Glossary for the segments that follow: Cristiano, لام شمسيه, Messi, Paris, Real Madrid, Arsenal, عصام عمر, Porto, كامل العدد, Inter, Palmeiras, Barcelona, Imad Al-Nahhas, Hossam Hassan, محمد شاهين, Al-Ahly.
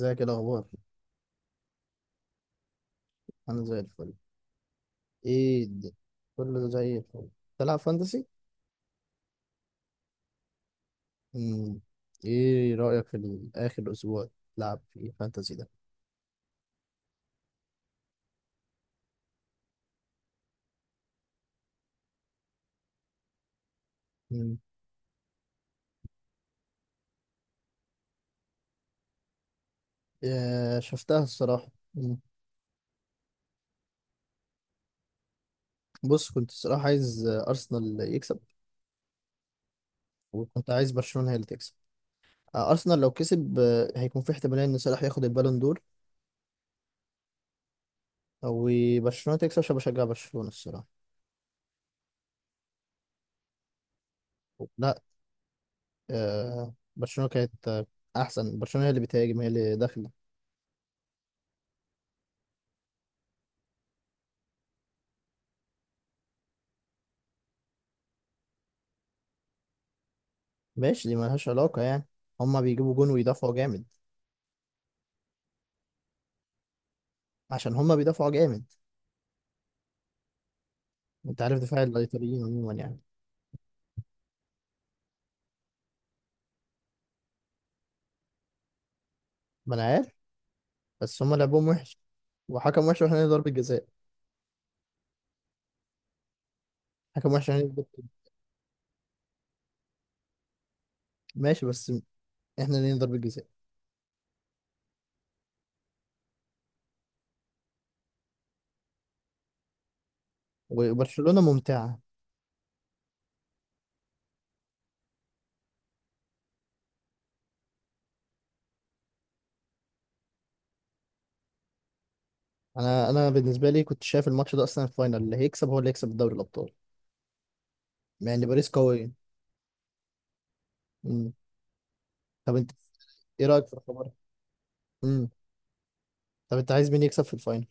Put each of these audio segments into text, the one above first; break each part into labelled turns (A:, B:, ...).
A: ازيك، ايه الاخبار؟ انا زي الفل. ايه الد- كله زي الفل. تلعب فانتسي؟ مم. ايه رايك في اخر اسبوع تلعب في الفانتسي ده؟ مم. آه، شفتها الصراحه. مم. بص، كنت الصراحه عايز ارسنال يكسب. وكنت عايز برشلونه هي اللي تكسب. ارسنال لو كسب هيكون في احتماليه ان صلاح ياخد البالون دور. او برشلونه تكسب عشان بشجع برشلونه الصراحه. لا، برشلونه كانت احسن. برشلونه هي اللي بتهاجم، هي اللي داخله. ماشي، دي ملهاش علاقة يعني. هما بيجيبوا جون ويدافعوا جامد. عشان هما بيدافعوا جامد. انت عارف دفاع الإيطاليين عموما يعني. ما انا عارف. بس هما لعبهم وحش. وحكم وحش واحنا ضربة جزاء. حكم وحش واحنا ضربة. ماشي بس، احنا ليه ضربة جزاء؟ وبرشلونة ممتعة. انا بالنسبة لي كنت شايف الماتش ده اصلا الفاينل. اللي هيكسب هو اللي هيكسب الدوري الأبطال. مع ان باريس قوية. مم. طب انت، ايه رأيك في الخبر؟ مم. طب انت عايز مين يكسب في الفاينل؟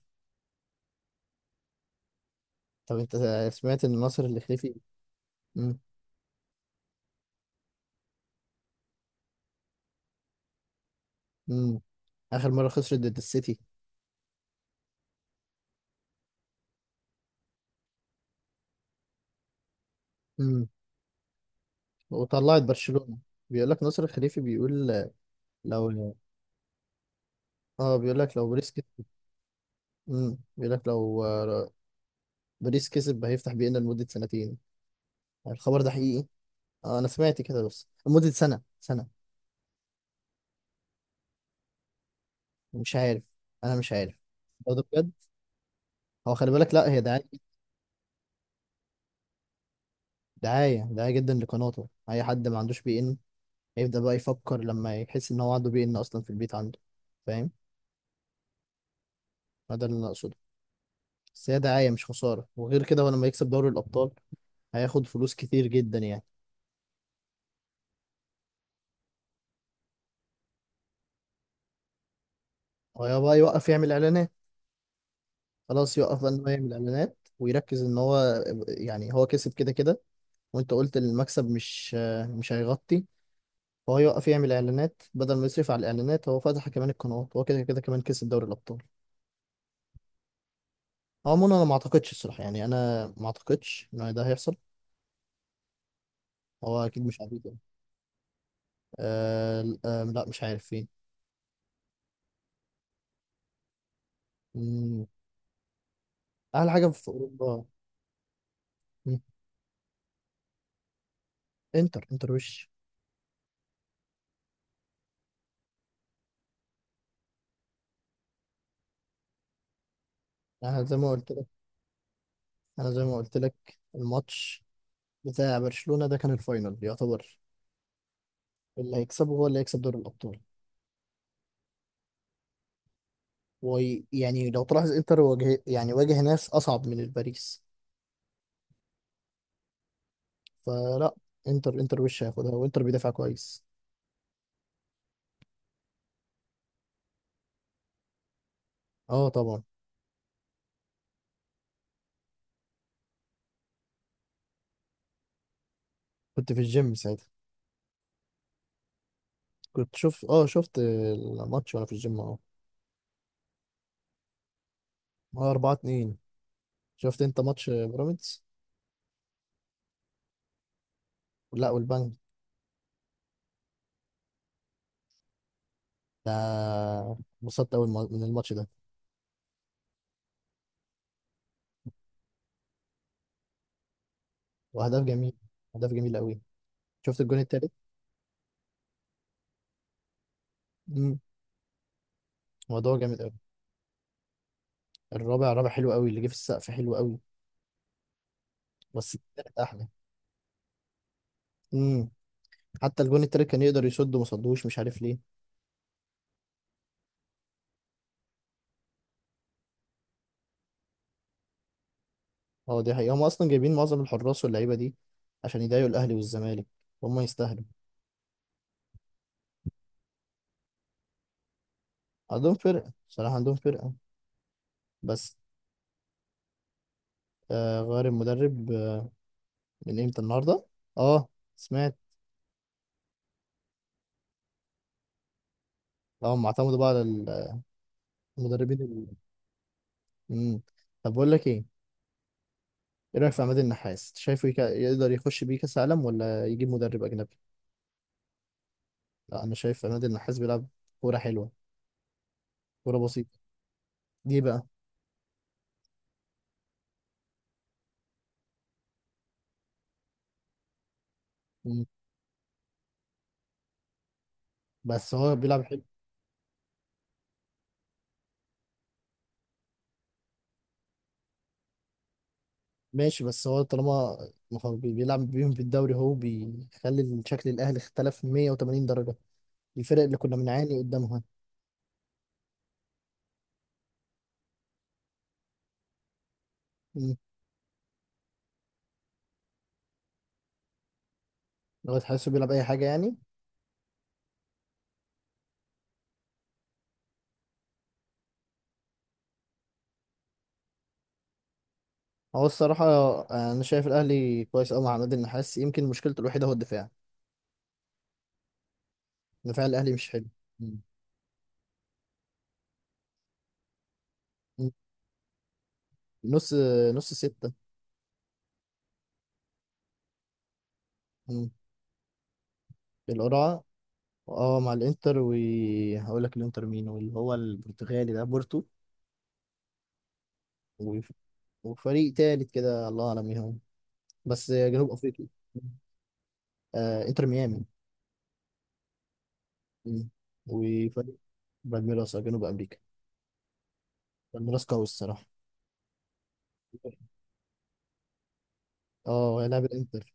A: طب انت سمعت ان النصر اللي خليفي. مم. مم. اخر مرة خسرت ضد السيتي. امم وطلعت برشلونة. بيقول لك نصر الخليفي بيقول، لو، اه بيقول لك لو باريس كسب، بيقول لك لو باريس كسب هيفتح بينا لمدة سنتين. الخبر ده حقيقي؟ آه، انا سمعت كده بس لمدة سنة سنة. مش عارف، انا مش عارف. هو ده بجد؟ هو خلي بالك، لا، هي دعاية. دعاية دعاية جدا لقناته. اي حد ما عندوش بي ان هيبدأ بقى يفكر لما يحس ان هو عنده بي ان اصلا في البيت عنده. فاهم؟ هذا اللي انا اقصده. بس هي دعاية، مش خسارة، وغير كده هو لما يكسب دوري الابطال هياخد فلوس كتير جدا يعني. هو يا بقى يوقف يعمل اعلانات. خلاص، يوقف بقى ان هو يعمل اعلانات، ويركز ان هو، يعني هو كسب كده كده. وانت قلت المكسب مش هيغطي. فهو يوقف يعمل اعلانات بدل ما يصرف على الاعلانات. هو فتح كمان القنوات. هو كده كده كمان كسب دوري الابطال. عموما انا ما اعتقدش الصراحه، يعني انا ما اعتقدش ان ده هيحصل. هو اكيد مش عبيط يعني. أه، لا مش عارف فين. مم، اعلى حاجه في اوروبا. مم، انتر انتر وش. انا زي ما قلت لك. انا زي ما قلت لك، الماتش بتاع برشلونة ده كان الفاينل يعتبر. اللي هيكسبه هو اللي هيكسب دوري الأبطال. ويعني لو تلاحظ انتر واجه، يعني واجه ناس أصعب من الباريس. فلا، انتر انتر وش هياخدها، وانتر بيدافع كويس. اه، طبعا. كنت في الجيم ساعتها. كنت شوف اه شفت الماتش وانا في الجيم اه، 4-2. شفت انت ماتش بيراميدز؟ لا، والبنك. ده، انبسطت قوي من الماتش ده. واهداف جميل. اهداف جميل قوي. شفت الجون التالت؟ امم. موضوع جامد قوي. الرابع رابع حلو قوي، اللي جه في السقف حلو قوي. بس التالت احلى. امم. حتى الجون التالت كان يقدر يصد وما صدوش، مش عارف ليه. اه، دي حقيقة. هم اصلا جايبين معظم الحراس واللعيبة دي عشان يضايقوا الاهلي والزمالك. هم يستاهلوا. عندهم فرقة صراحة، عندهم فرقة. بس آه، غير المدرب. من امتى؟ النهاردة. اه، سمعت. اه، هم اعتمدوا بقى على المدربين امم. طب بقول لك ايه، ايه رأيك في عماد النحاس؟ شايفه يقدر يخش بيه كاس عالم ولا يجيب مدرب اجنبي؟ لا، انا شايف عماد النحاس بيلعب كورة حلوة، كورة بسيطة. ليه بقى؟ مم. بس هو بيلعب حلو. ماشي بس هو طالما، ما هو بيلعب بيهم في الدوري، هو بيخلي شكل الاهلي اختلف 180 درجه. الفرق اللي كنا بنعاني قدامها. مم. لو تحسه بيلعب اي حاجه يعني. هو الصراحه انا شايف الاهلي كويس قوي مع عماد النحاس. يمكن مشكلته الوحيده هو الدفاع. دفاع الاهلي مش حلو. مم. مم. نص نص سته. مم. القرعه، اه، مع الانتر. وهقول لك الانتر مين، واللي هو البرتغالي ده بورتو. و- وفريق تالت كده، الله اعلم مين هو، بس جنوب افريقيا. آه، انتر ميامي. مم. وفريق بالميراس. جنوب امريكا. بالميراس قوي الصراحه. اه، هيلعب الانتر.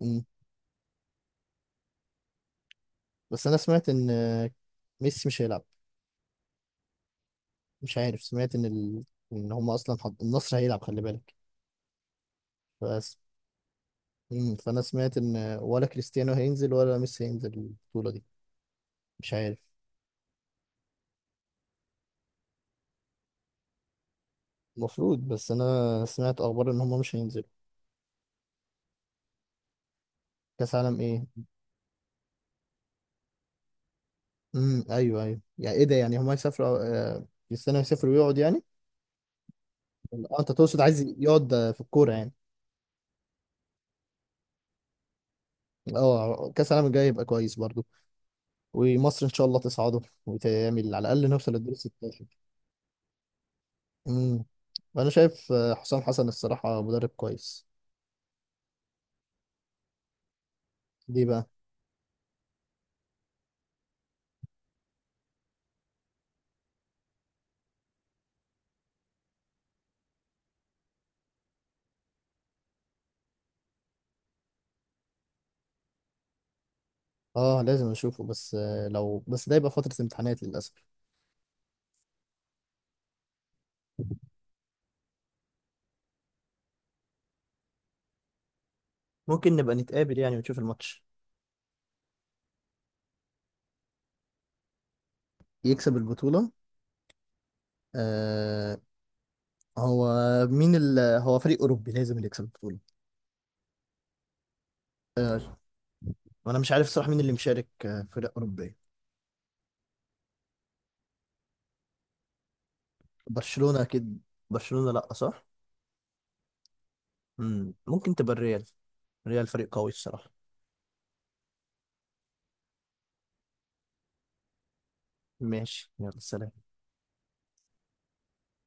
A: مم. بس انا سمعت ان ميسي مش هيلعب. مش عارف، سمعت ان ان هم اصلا النصر هيلعب، خلي بالك. بس مم. فانا سمعت ان ولا كريستيانو هينزل ولا ميسي هينزل البطوله دي. مش عارف. المفروض، بس انا سمعت اخبار ان هم مش هينزلوا. كاس عالم ايه؟ ايوه، ايوه، يعني ايه ده؟ يعني هم هيسافروا كريستيانو هيسافر ويقعد يعني. اه، انت تقصد عايز يقعد في الكوره يعني. اه، كاس العالم الجاي يبقى كويس برضو. ومصر ان شاء الله تصعده وتعمل على الاقل نوصل للدور 16. امم، انا شايف حسام حسن الصراحه مدرب كويس. ليه بقى؟ اه، لازم اشوفه، بس لو بس ده يبقى فتره امتحانات للاسف. ممكن نبقى نتقابل يعني ونشوف الماتش. يكسب البطوله. آه. هو مين هو فريق اوروبي لازم اللي يكسب البطوله. آه، وانا مش عارف صراحه مين اللي مشارك. فرق اوروبيه. برشلونه اكيد. برشلونه لا صح. مم. ممكن تبقى الريال. الريال فريق قوي الصراحة. ماشي، يلا سلام.